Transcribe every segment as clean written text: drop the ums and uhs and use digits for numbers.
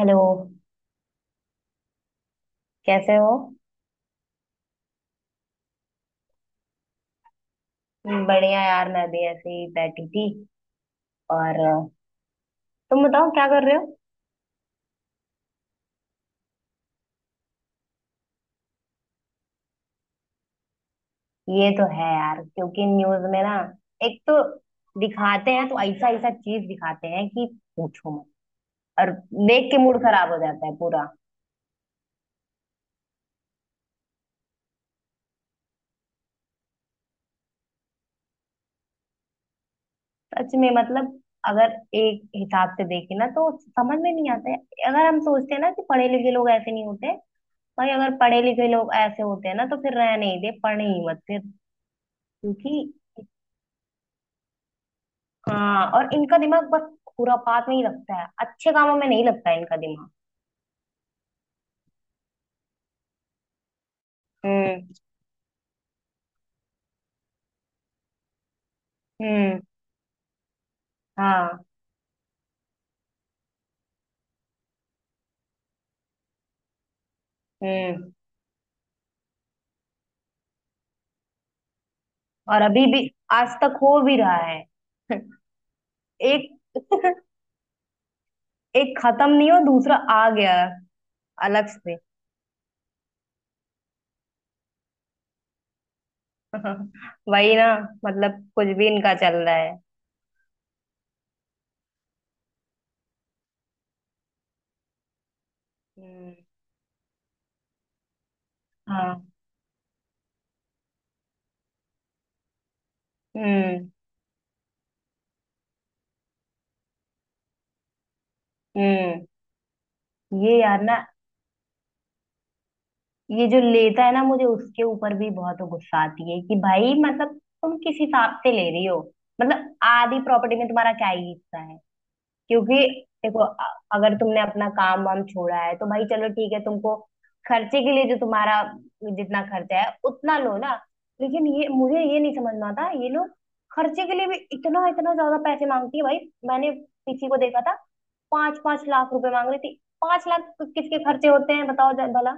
Hello. कैसे हो? बढ़िया यार, मैं भी ऐसे ही बैठी थी। और तुम बताओ क्या कर रहे हो? ये तो है यार, क्योंकि न्यूज में ना, एक तो दिखाते हैं तो ऐसा ऐसा चीज दिखाते हैं कि पूछो मत। और देख के मूड खराब हो जाता है पूरा। सच में मतलब, अगर एक हिसाब से देखे ना तो समझ में नहीं आता है। अगर हम सोचते हैं ना कि पढ़े लिखे लोग ऐसे नहीं होते। भाई अगर पढ़े लिखे लोग ऐसे होते हैं ना तो फिर रह नहीं दे, पढ़ ही मत फिर। क्योंकि। हाँ, और इनका दिमाग बस खुरापात में ही लगता है, अच्छे कामों में नहीं लगता है इनका दिमाग। हम्म। हम्म। हाँ। हम्म। और अभी भी आज तक हो भी रहा है। एक एक खत्म नहीं हो दूसरा आ गया, अलग से। वही ना, मतलब कुछ भी इनका चल रहा है। हम्म। हाँ। हम्म। हम्म। ये यार ना। ये जो लेता है ना, मुझे उसके ऊपर भी बहुत गुस्सा आती है कि भाई मतलब, तुम किस हिसाब से ले रही हो? मतलब आधी प्रॉपर्टी में तुम्हारा क्या ही हिस्सा है? क्योंकि देखो अगर तुमने अपना काम वाम छोड़ा है तो भाई चलो ठीक है, तुमको खर्चे के लिए जो तुम्हारा जितना खर्चा है उतना लो ना। लेकिन ये मुझे ये नहीं समझना आता, ये लोग खर्चे के लिए भी इतना इतना ज्यादा पैसे मांगती है भाई। मैंने किसी को देखा था, पांच पांच लाख रुपए मांग रही थी। पांच लाख किसके खर्चे होते हैं, बताओ जरा भला?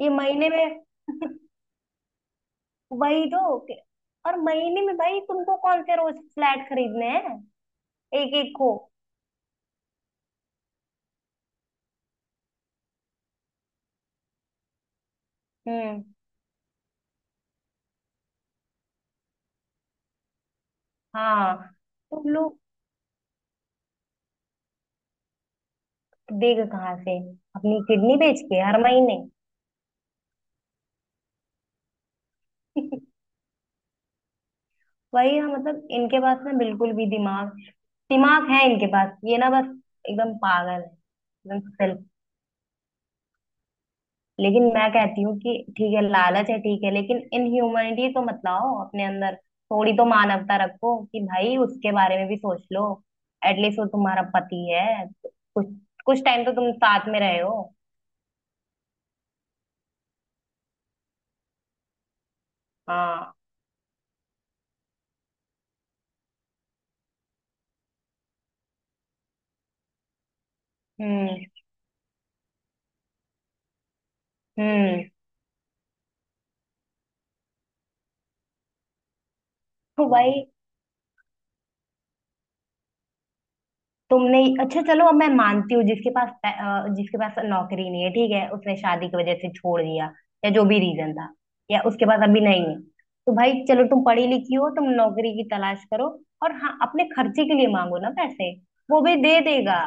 ये महीने में। वही तो और महीने में भाई तुमको कौन से रोज फ्लैट खरीदने हैं? एक एक को। हम्म। हाँ। तुम लोग, देगा कहाँ से? अपनी किडनी बेच के हर महीने? वही है, मतलब इनके पास ना बिल्कुल भी दिमाग। दिमाग है इनके पास, ये ना बस एकदम पागल है एकदम, सिर्फ। लेकिन मैं कहती हूँ कि ठीक है लालच है, ठीक है, लेकिन इनह्यूमैनिटी तो मत लाओ अपने अंदर। थोड़ी तो मानवता रखो कि भाई उसके बारे में भी सोच लो। एटलीस्ट वो तुम्हारा पति है। कुछ टाइम तो तुम साथ में रहे हो। हाँ। हम्म। हम्म। तो भाई तुमने अच्छा चलो, अब मैं मानती हूँ जिसके पास नौकरी नहीं है, ठीक है, उसने शादी की वजह से छोड़ दिया, या जो भी रीजन था, या उसके पास अभी नहीं है। तो भाई चलो, तुम पढ़ी लिखी हो, तुम नौकरी की तलाश करो। और हाँ, अपने खर्चे के लिए मांगो ना पैसे। वो भी दे देगा।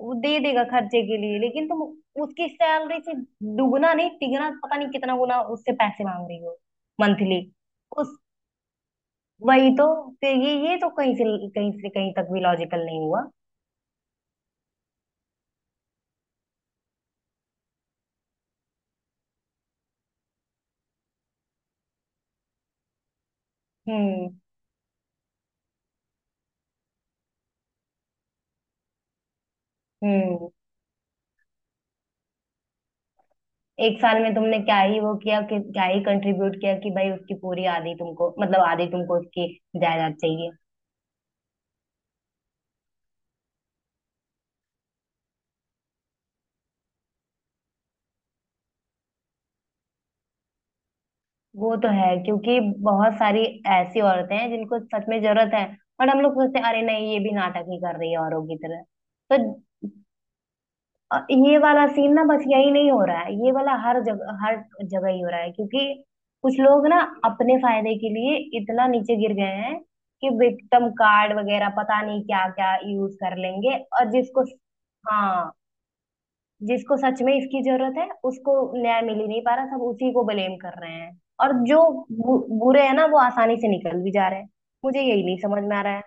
वो दे देगा खर्चे के लिए, लेकिन तुम उसकी सैलरी से दुगना नहीं तिगना, पता नहीं कितना गुना उससे पैसे मांग रही हो। मंथली। वही तो। फिर ये तो कहीं से कहीं तक भी लॉजिकल नहीं हुआ। हम्म। हम्म। एक साल में तुमने क्या ही वो किया, कि क्या ही कंट्रीब्यूट किया कि भाई उसकी पूरी आधी तुमको, मतलब आधी तुमको उसकी जायदाद चाहिए। वो तो है, क्योंकि बहुत सारी ऐसी औरतें हैं जिनको सच में जरूरत है। और हम लोग सोचते हैं, अरे नहीं ये भी नाटक ही कर रही है औरों की तरह। तो ये वाला सीन ना, बस यही नहीं हो रहा है, ये वाला हर जगह ही हो रहा है। क्योंकि कुछ लोग ना, अपने फायदे के लिए इतना नीचे गिर गए हैं कि विक्टिम कार्ड वगैरह पता नहीं क्या क्या यूज कर लेंगे, और जिसको। हाँ। जिसको सच में इसकी जरूरत है उसको न्याय मिल ही नहीं पा रहा, सब उसी को ब्लेम कर रहे हैं। और जो बु, बुरे हैं ना, वो आसानी से निकल भी जा रहे हैं। मुझे यही नहीं समझ में आ रहा है।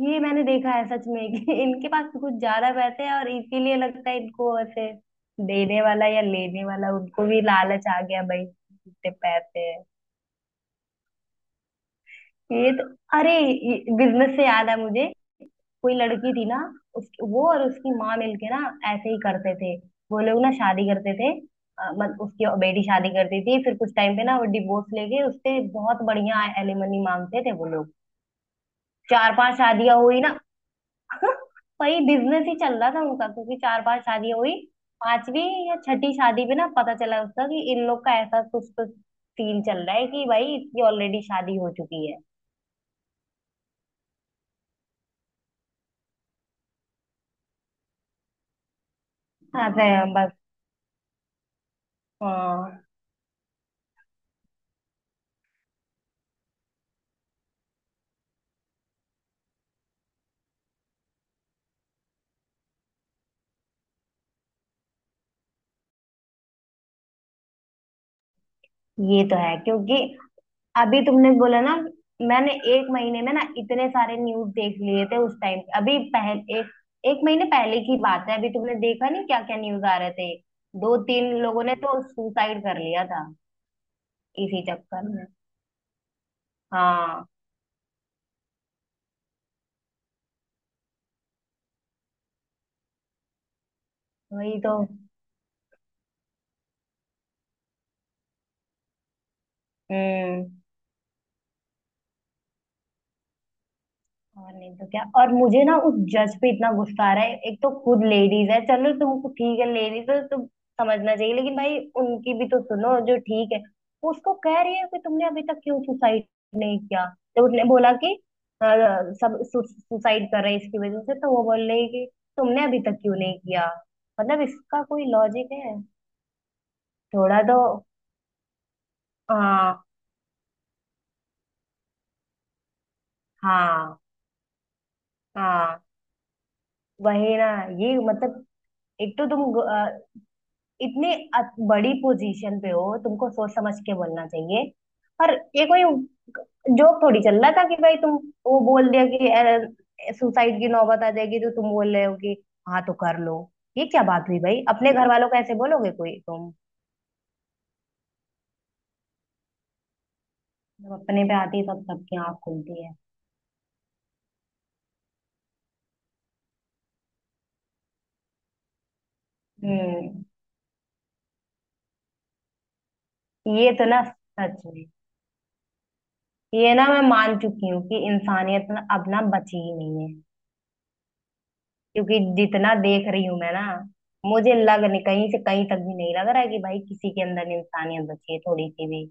ये मैंने देखा है सच में, कि इनके पास कुछ ज्यादा पैसे हैं और इसीलिए लगता है इनको ऐसे, देने वाला या लेने वाला, उनको भी लालच आ गया भाई। इतने पैसे हैं। ये तो, अरे, बिजनेस से याद है मुझे। कोई लड़की थी ना, उसकी वो और उसकी माँ मिलके ना ऐसे ही करते थे, वो लोग ना शादी करते थे। अ, मत उसकी बेटी शादी करती थी, फिर कुछ टाइम पे ना वो डिवोर्स लेके उससे बहुत बढ़िया एलिमनी मांगते थे वो लोग। चार पांच शादियां हुई ना। वही बिजनेस ही चल रहा था उनका, क्योंकि चार बार शादी हुई, पांचवी या छठी शादी पे ना पता चला उसका कि इन लोग का ऐसा कुछ कुछ सीन चल रहा है कि भाई इसकी ऑलरेडी शादी हो चुकी है। अच्छा है, बस। हाँ। ये तो है, क्योंकि अभी तुमने बोला ना। मैंने एक महीने में ना इतने सारे न्यूज देख लिए थे उस टाइम, अभी पहले एक एक महीने पहले की बात है, अभी तुमने देखा नहीं क्या क्या न्यूज आ रहे थे? दो तीन लोगों ने तो सुसाइड कर लिया था इसी चक्कर में। हाँ। वही तो। हम्म। और नहीं तो क्या, और मुझे ना उस जज पे इतना गुस्सा आ रहा है, एक तो खुद लेडीज है, चलो तुमको ठीक है लेडीज है तो समझना चाहिए, लेकिन भाई उनकी भी तो सुनो जो ठीक है। वो उसको कह रही है कि तुमने अभी तक क्यों सुसाइड नहीं किया, तो उसने बोला कि अ, सब सुसाइड कर रहे हैं इसकी वजह से, तो वो बोल रही है कि तुमने अभी तक क्यों नहीं किया? मतलब इसका कोई लॉजिक है थोड़ा तो? हाँ, हाँ, हाँ। वही ना। ये मतलब, एक तो तुम इतने बड़ी पोजीशन पे हो, तुमको सोच समझ के बोलना चाहिए। पर ये कोई जोक थोड़ी चल रहा था कि भाई तुम, वो बोल दिया कि सुसाइड की नौबत आ जाएगी, तो तुम बोल रहे हो कि हाँ तो कर लो? ये क्या बात हुई भाई? अपने घर वालों को ऐसे बोलोगे कोई तुम? जब अपने पे आती है तब सबकी आँख खुलती है। हम्म। ये तो ना, सच में। ये ना मैं मान चुकी हूँ कि इंसानियत ना अब ना बची ही नहीं है। क्योंकि जितना देख रही हूं मैं ना, मुझे लग नहीं, कहीं से कहीं तक भी नहीं लग रहा है कि भाई किसी के अंदर इंसानियत बची है थोड़ी सी भी।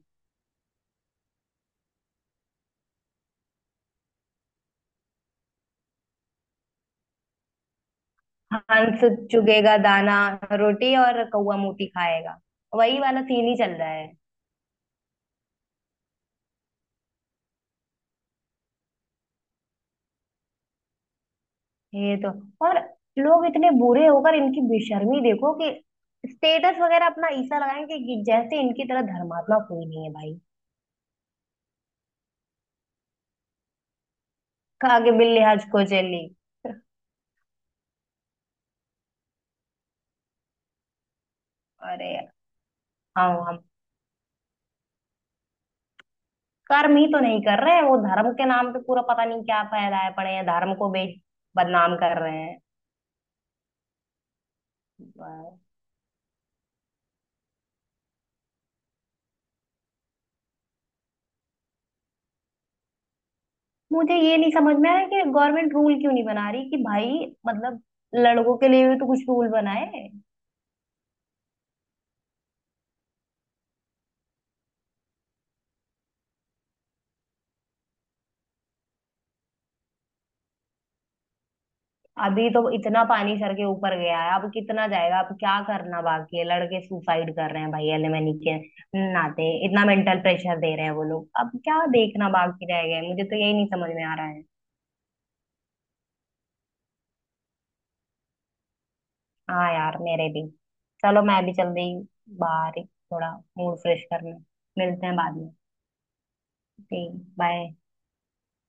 हंस चुगेगा दाना रोटी, और कौवा मोती खाएगा। वही वाला सीन ही चल रहा है। ये तो, और लोग इतने बुरे होकर इनकी बेशर्मी देखो कि स्टेटस वगैरह अपना ऐसा लगाएंगे कि जैसे इनकी तरह धर्मात्मा कोई नहीं है भाई। खा के बिल्ली हज को चली। अरे, हाँ। कर्म ही तो नहीं कर रहे हैं वो, धर्म के नाम पे पूरा पता नहीं क्या फैलाए पड़े हैं, धर्म को बे बदनाम कर रहे हैं। मुझे ये नहीं समझ में आया कि गवर्नमेंट रूल क्यों नहीं बना रही कि भाई मतलब, लड़कों के लिए भी तो कुछ रूल बनाए। अभी तो इतना पानी सर के ऊपर गया है, अब कितना जाएगा? अब क्या करना बाकी है? लड़के सुसाइड कर रहे हैं भाई एलिमनी के नाते, इतना मेंटल प्रेशर दे रहे हैं वो लोग, अब क्या देखना बाकी रह गया है? मुझे तो यही नहीं समझ में आ रहा है। हाँ यार, मेरे भी। चलो मैं भी चल रही हूँ बाहर ही, थोड़ा मूड फ्रेश करने। मिलते हैं बाद में। ठीक। बाय।